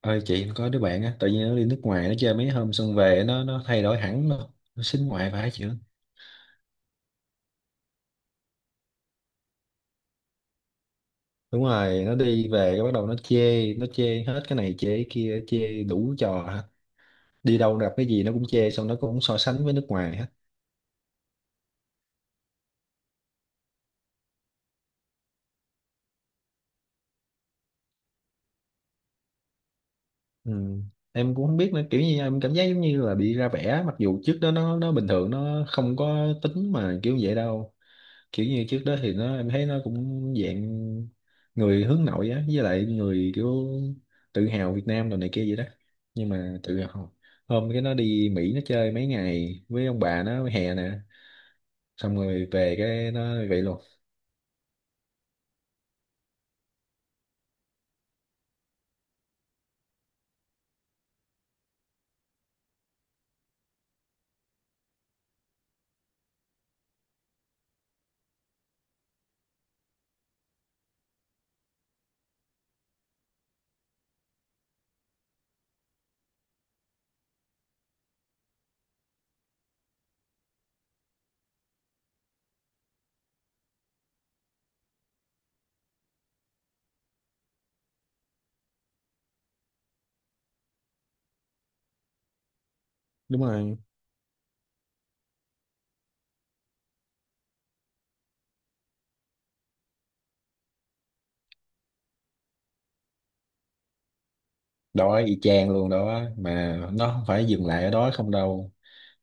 Ơi chị, có đứa bạn á, tự nhiên nó đi nước ngoài, nó chơi mấy hôm xong về nó thay đổi hẳn luôn. Nó xính ngoại phải chị? Đúng rồi, nó đi về cái bắt đầu nó chê, nó chê hết, cái này chê, cái kia chê, đủ trò hết. Đi đâu gặp cái gì nó cũng chê, xong nó cũng so sánh với nước ngoài hết. Ừ. Em cũng không biết nữa, kiểu như em cảm giác giống như là bị ra vẻ, mặc dù trước đó nó bình thường, nó không có tính mà kiểu vậy đâu. Kiểu như trước đó thì nó, em thấy nó cũng dạng người hướng nội á, với lại người kiểu tự hào Việt Nam rồi này kia vậy đó. Nhưng mà tự hào, hôm cái nó đi Mỹ nó chơi mấy ngày với ông bà nó hè nè, xong rồi về cái nó vậy luôn. Đúng rồi. Đó y chang luôn đó, mà nó không phải dừng lại ở đó không đâu.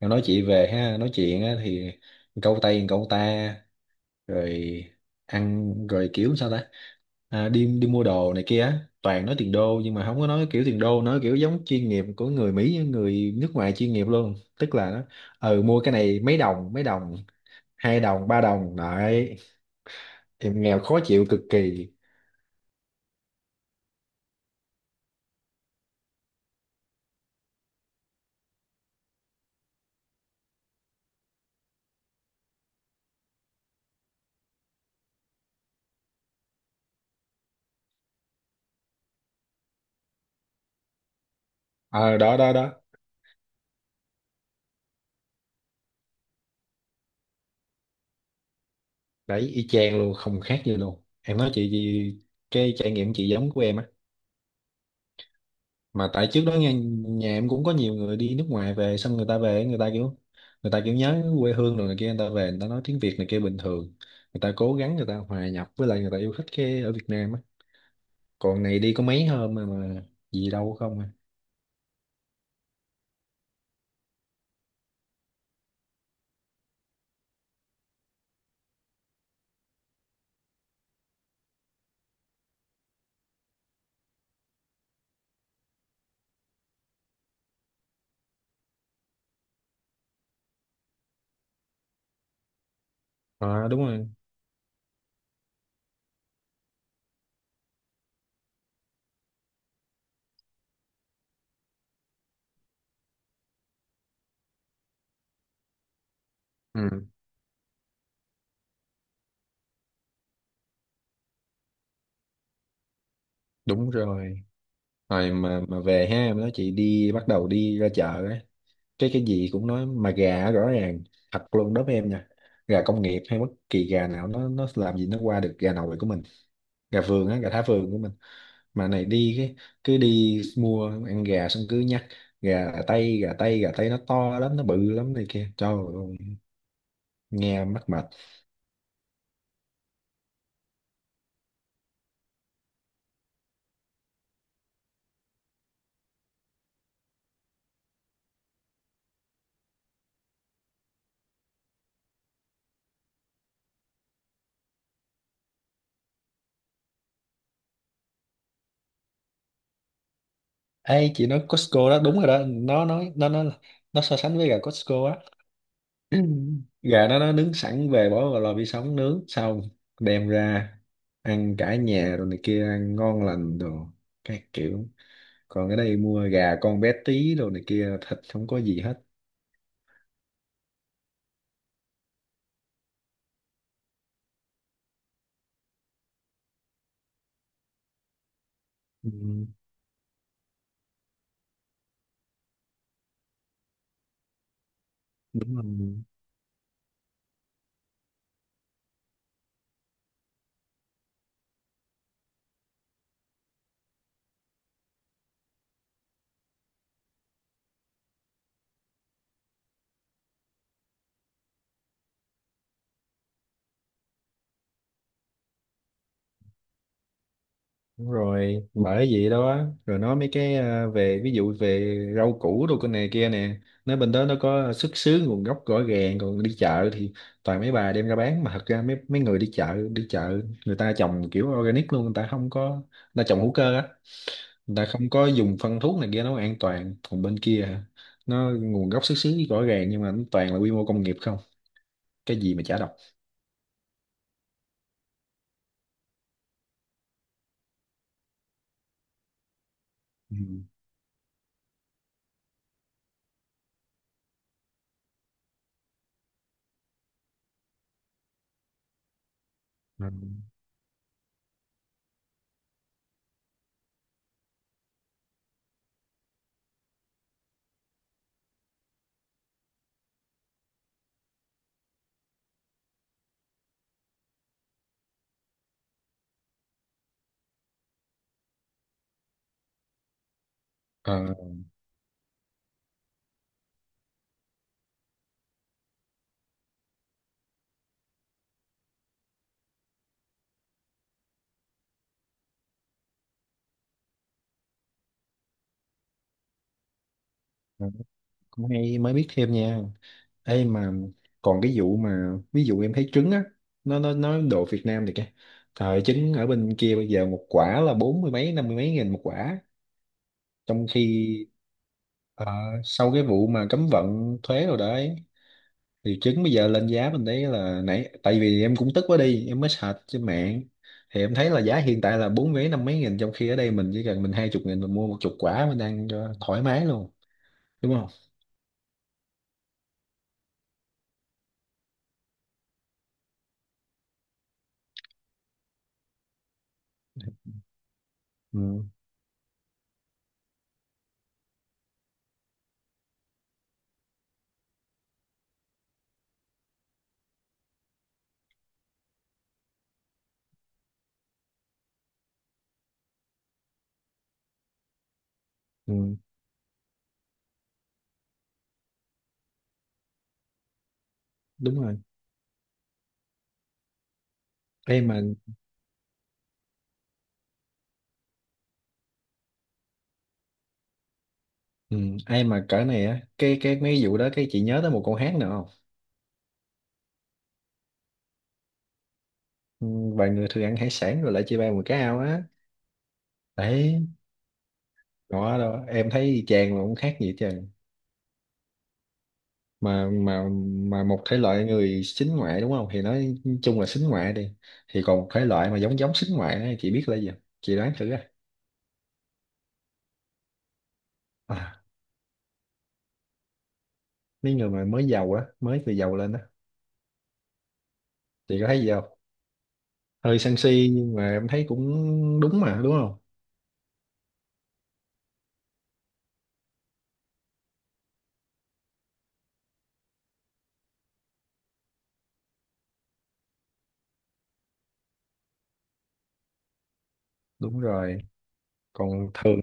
Nó nói chị về ha, nói chuyện á thì câu tay câu ta, rồi ăn rồi kiểu sao ta, à, đi đi mua đồ này kia á toàn nói tiền đô, nhưng mà không có nói kiểu tiền đô, nói kiểu giống chuyên nghiệp của người Mỹ, người nước ngoài chuyên nghiệp luôn, tức là nó ừ mua cái này mấy đồng mấy đồng, hai đồng ba đồng đấy. Em nghèo khó chịu cực kỳ. Ờ đó đó đó, đấy y chang luôn, không khác gì luôn. Em nói cái trải nghiệm chị giống của em á, mà tại trước đó nhà em cũng có nhiều người đi nước ngoài về, xong người ta về người ta kiểu, người ta kiểu nhớ quê hương rồi này kia, người ta về người ta nói tiếng Việt này kia bình thường, người ta cố gắng người ta hòa nhập, với lại người ta yêu thích cái ở Việt Nam á. Còn này đi có mấy hôm mà gì đâu không à. À đúng rồi. Ừ đúng rồi. Rồi mà về ha, em nói chị đi, bắt đầu đi ra chợ á, cái gì cũng nói, mà gà rõ ràng, thật luôn đối với em nha, gà công nghiệp hay bất kỳ gà nào nó làm gì nó qua được gà nội của mình, gà vườn á, gà thả vườn của mình. Mà này đi cái cứ đi mua ăn gà xong cứ nhắc gà tây, gà tây, gà tây nó to lắm, nó bự lắm này kia. Trời ơi, nghe mắc mệt. Ê chị nói Costco đó đúng rồi đó, nó nói nó nó so sánh với gà Costco á. Gà đó nó nướng sẵn, về bỏ vào lò vi sóng nướng xong đem ra ăn cả nhà rồi này kia, ăn ngon lành đồ các kiểu. Còn ở đây mua gà con bé tí đồ này kia, thịt không có gì hết. Ừ, đúng rồi. Đúng rồi, bởi vậy đó. Rồi nói mấy cái, à, về ví dụ về rau củ đồ con này kia nè, nói bên đó nó có xuất xứ nguồn gốc rõ ràng, còn đi chợ thì toàn mấy bà đem ra bán, mà thật ra mấy mấy người đi chợ, người ta trồng kiểu organic luôn, người ta không có, người ta trồng hữu cơ á, người ta không có dùng phân thuốc này kia, nó an toàn. Còn bên kia hả, nó nguồn gốc xuất xứ rõ ràng nhưng mà nó toàn là quy mô công nghiệp không, cái gì mà chả độc. Ừ. Ừ. Ờ, cũng hay, mới biết thêm nha. Ê mà còn cái vụ mà ví dụ em thấy trứng á, nó đồ Việt Nam thì cái thời trứng ở bên kia bây giờ một quả là bốn mươi mấy năm mươi mấy nghìn một quả, trong khi ờ, sau cái vụ mà cấm vận thuế rồi đấy, thì trứng bây giờ lên giá, mình thấy là nãy tại vì em cũng tức quá đi em mới search trên mạng, thì em thấy là giá hiện tại là bốn mấy năm mấy nghìn, trong khi ở đây mình chỉ cần mình hai chục nghìn mình mua một chục quả mình ăn cho thoải mái luôn, đúng không? Ừ, ừ, đúng rồi. Em mà, ừ, ai mà cỡ này á, cái mấy vụ đó cái chị nhớ tới một con hát nữa không? Ừ, vài người thường ăn hải sản rồi lại chia ba một cái ao á. Đấy đó đâu, em thấy chàng mà cũng khác gì chứ. Mà mà mà một thể loại người xính ngoại đúng không, thì nói chung là xính ngoại đi, thì còn một thể loại mà giống giống xính ngoại á, chị biết là gì không? Chị đoán thử á. À, mấy người mà mới giàu á, mới từ giàu lên á. Chị có thấy gì không? Hơi sân si nhưng mà em thấy cũng đúng mà, đúng không? Đúng rồi. Còn thường,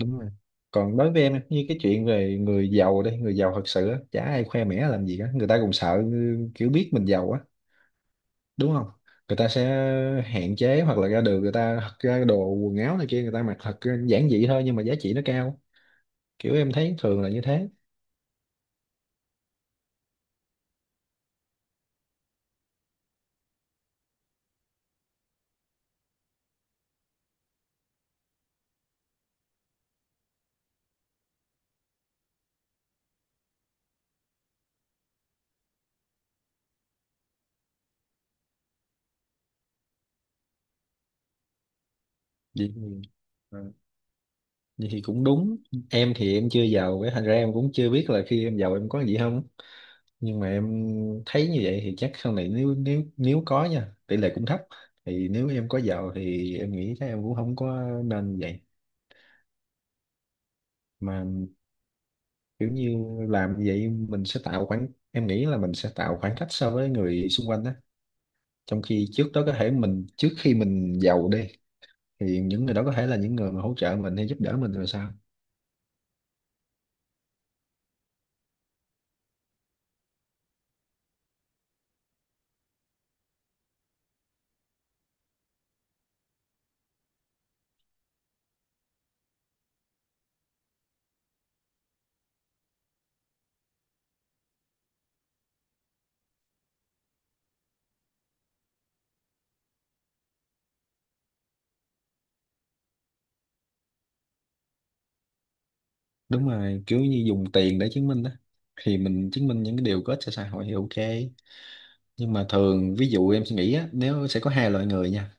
đúng rồi, còn đối với em như cái chuyện về người giàu, đây người giàu thật sự á chả ai khoe mẽ làm gì cả, người ta cũng sợ, ừ, kiểu biết mình giàu á, đúng không, người ta sẽ hạn chế, hoặc là ra đường người ta thật ra đồ quần áo này kia người ta mặc thật giản dị thôi, nhưng mà giá trị nó cao. Kiểu em thấy thường là như thế. Vậy thì, ờ, vậy thì cũng đúng. Em thì em chưa giàu, cái thành ra em cũng chưa biết là khi em giàu em có gì không, nhưng mà em thấy như vậy thì chắc sau này nếu nếu nếu có nha, tỷ lệ cũng thấp, thì nếu em có giàu thì em nghĩ chắc em cũng không có nên như vậy. Mà kiểu như làm như vậy mình sẽ tạo khoảng, em nghĩ là mình sẽ tạo khoảng cách so với người xung quanh đó, trong khi trước đó có thể mình, trước khi mình giàu đi, thì những người đó có thể là những người mà hỗ trợ mình hay giúp đỡ mình rồi sao. Đúng rồi, kiểu như dùng tiền để chứng minh đó, thì mình chứng minh những cái điều có ích cho xã hội thì ok. Nhưng mà thường ví dụ em suy nghĩ á, nếu sẽ có hai loại người nha,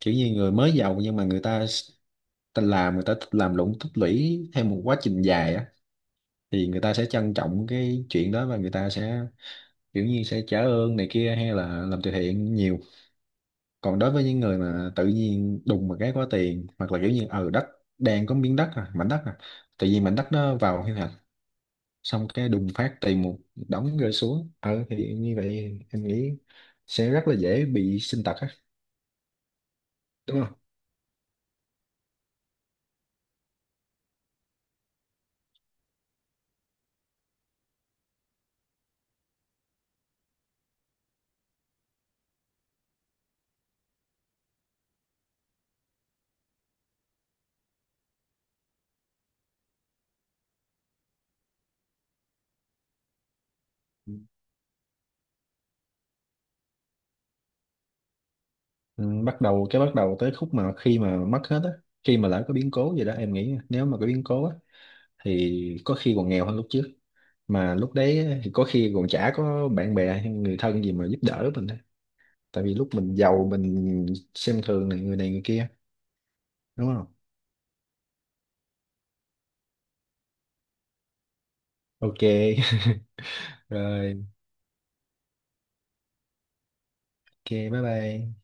kiểu như người mới giàu nhưng mà ta làm, người ta thích làm lụng tích lũy theo một quá trình dài á, thì người ta sẽ trân trọng cái chuyện đó và người ta sẽ kiểu như sẽ trả ơn này kia hay là làm từ thiện nhiều. Còn đối với những người mà tự nhiên đùng một cái có tiền, hoặc là kiểu như ở đất, đang có miếng đất à, mảnh đất à, tự nhiên mảnh đất nó vào quy hoạch, xong cái đùng phát tiền một đống rơi xuống, ờ thì như vậy em nghĩ sẽ rất là dễ bị sinh tật á, đúng không? Ừ, bắt đầu tới khúc mà khi mà mất hết á, khi mà lỡ có biến cố gì đó, em nghĩ nếu mà có biến cố á thì có khi còn nghèo hơn lúc trước, mà lúc đấy thì có khi còn chả có bạn bè hay người thân gì mà giúp đỡ mình á. Tại vì lúc mình giàu mình xem thường này, người này người kia, đúng không? Ok. Rồi, ok, bye bye.